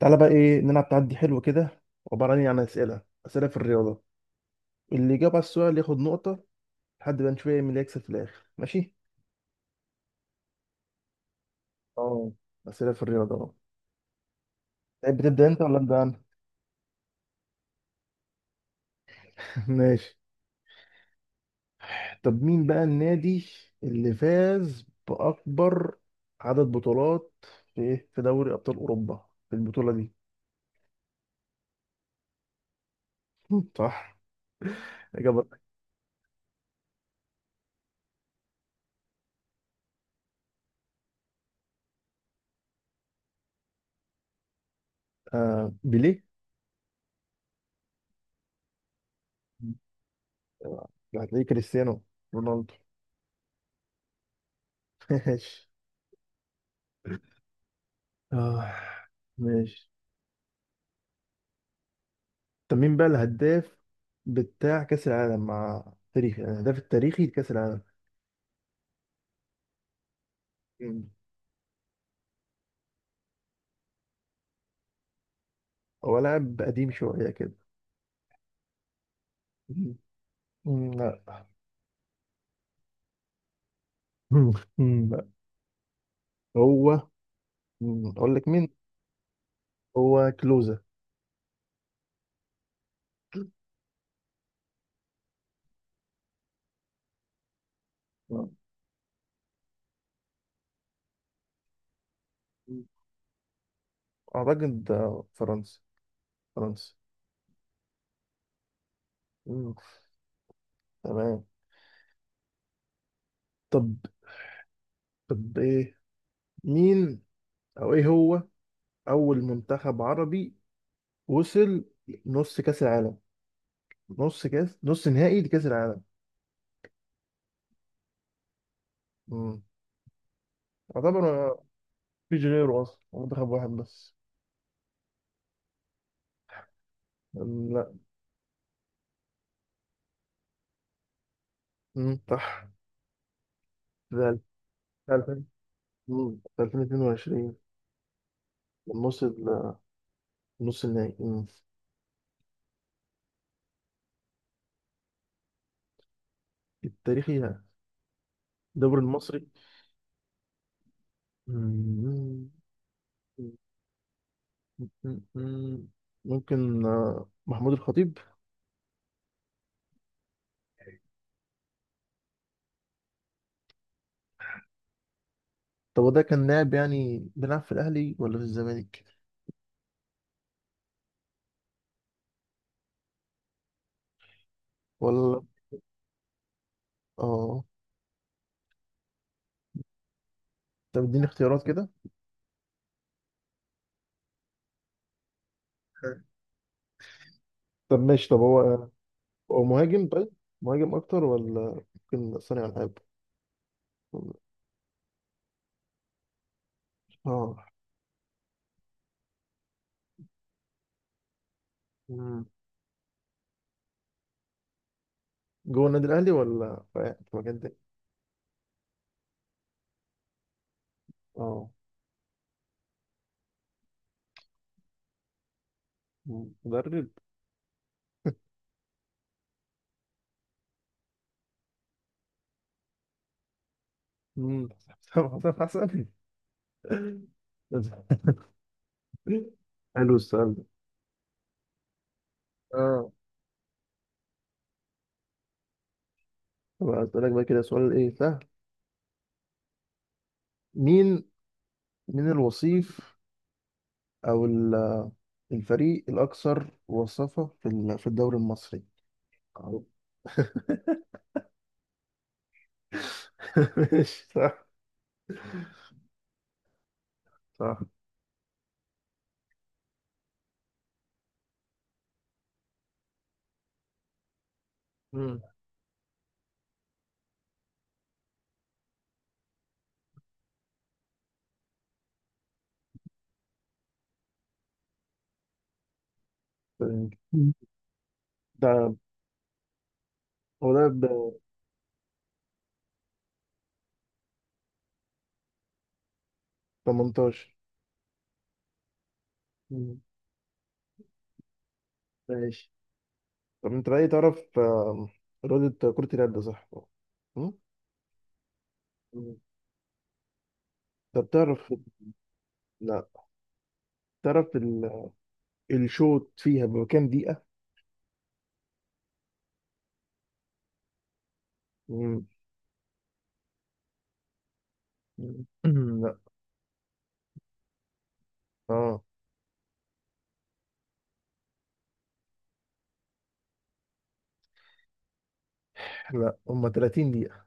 تعالى بقى ايه نلعب تعدي حلو كده. عبارة عن إيه؟ عن اسئله في الرياضه. اللي يجاوب على السؤال ياخد نقطه لحد ما نشوف إيه مين اللي يكسب في الاخر. ماشي. اه، اسئله في الرياضه اهو. تحب تبدا انت ولا ابدا انا؟ ماشي. طب مين بقى النادي اللي فاز باكبر عدد بطولات في ايه، في دوري ابطال اوروبا، في البطوله دي؟ صح. اجابه. آه، بيليه. آه، هتلاقيه كريستيانو رونالدو. ماشي. آه ماشي. طب مين بقى الهداف بتاع كأس العالم مع تاريخ، يعني الهداف التاريخي لكأس العالم. مم. هو لاعب قديم شوية كده. مم. مم، لا. مم، مم، لا. هو أقول لك مين. هو كلوزا. مم. أعتقد ده فرنسا. مم، تمام. طب إيه مين أو إيه هو أول منتخب عربي وصل نص كأس العالم، نص كأس، نص نهائي لكأس العالم. مم. يعتبر. مفيش غيره اصلا، هو منتخب واحد بس. لا. مم، صح. في 2000. في 2022 لما وصل نص النهائي. مم. التاريخي ده الدوري المصري. مم، مم، مم. ممكن محمود الخطيب. طب هو ده كان لاعب يعني بيلعب في الاهلي ولا في الزمالك؟ ولا. اه. طب اديني اختيارات كده. طب ماشي، طب هو مهاجم طيب. مهاجم اكتر ولا ممكن صانع العاب؟ اه. جوه النادي الاهلي ولا في في مكان تاني؟ اه. مدرب. امم حسام حسن. حلو السؤال ده. اه. طب هسألك بقى كده سؤال ايه سهل. مين من الوصيف او الفريق الاكثر وصفة في في الدوري المصري؟ أو- ماشي صح. صح. مم. ده هو ده ب 18. مم. ماشي. طب انت بقى إيه تعرف رياضة كرة اليد صح؟ م؟ طب تعرف. لا، تعرف ال... الشوط فيها بكام دقيقة؟ مم. مم. لا. اه. لا هم 30 دقيقة.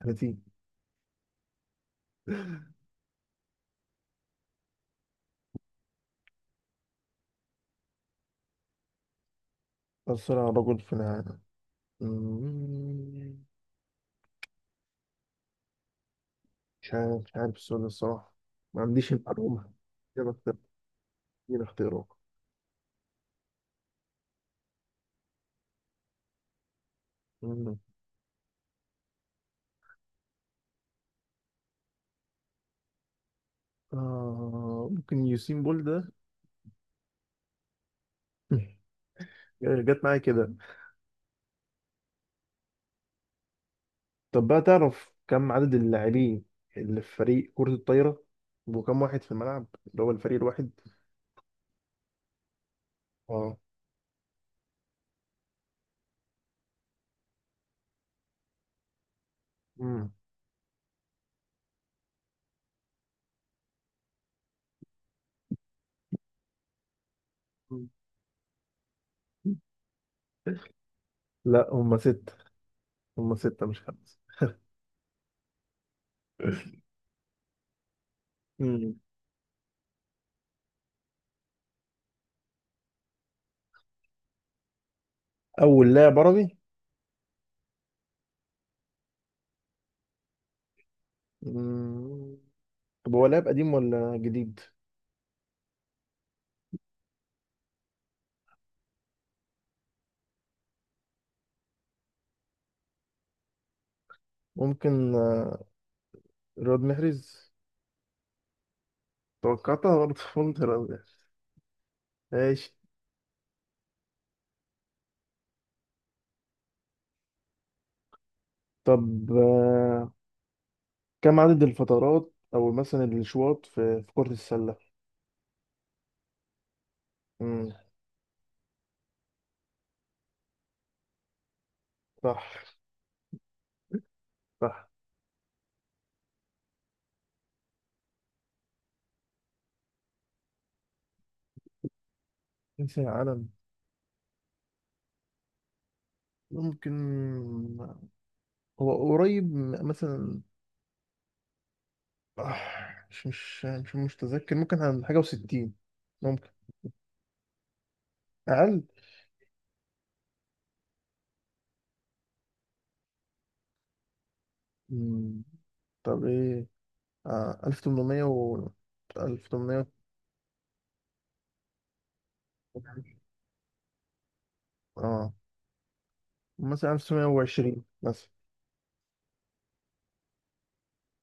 30. أسرع رجل في العالم. مم. مش عارف السؤال ده الصراحة. ما عنديش المعلومة. يلا اختار. ادينا اختيارات. مم. آه ممكن يوسين بول ده. جت معايا كده. طب بقى تعرف كم عدد اللاعبين اللي في فريق كرة الطايرة، وكم واحد في الملعب اللي هو الفريق الواحد؟ اه. مم. لا، هم ستة. مش خمسة. مم. أول لاعب عربي. مم. طب هو لاعب قديم ولا جديد؟ ممكن رياض محرز. توقعتها برضه، قلت رياض محرز. ماشي. طب كم عدد الفترات أو مثلا الأشواط في في كرة السلة؟ مم. صح. صح. كأس العالم. ممكن آه، هو قريب مثلا آه، مش متذكر. ممكن عن حاجة وستين. ممكن. أقل؟ مم. طب ايه؟ آه 1800 و 1800. اه مثلا 1920 مثلا.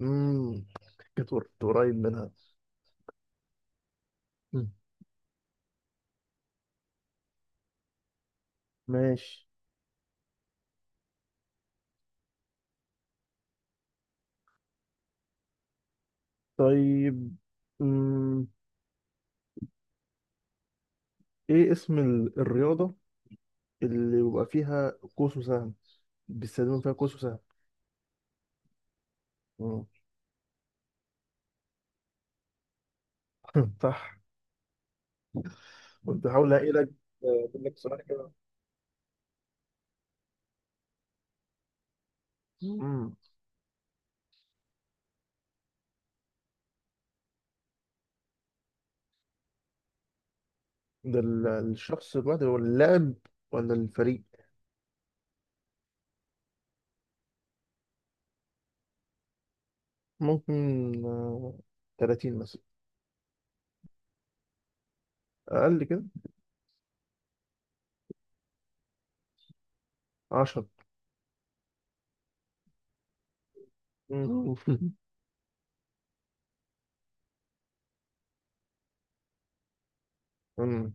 امم كنت قريب منها. مم. ماشي. طيب امم ايه اسم الرياضة اللي بيبقى فيها قوس وسهم، بيستخدموا فيها قوس وسهم. مم. صح. كنت بحاول الاقي لك اجيب لك سؤال كده. امم ده الشخص الواحد هو اللاعب ولا الفريق؟ ممكن 30 مثلا. اقل كده. عشرة. مم. مم.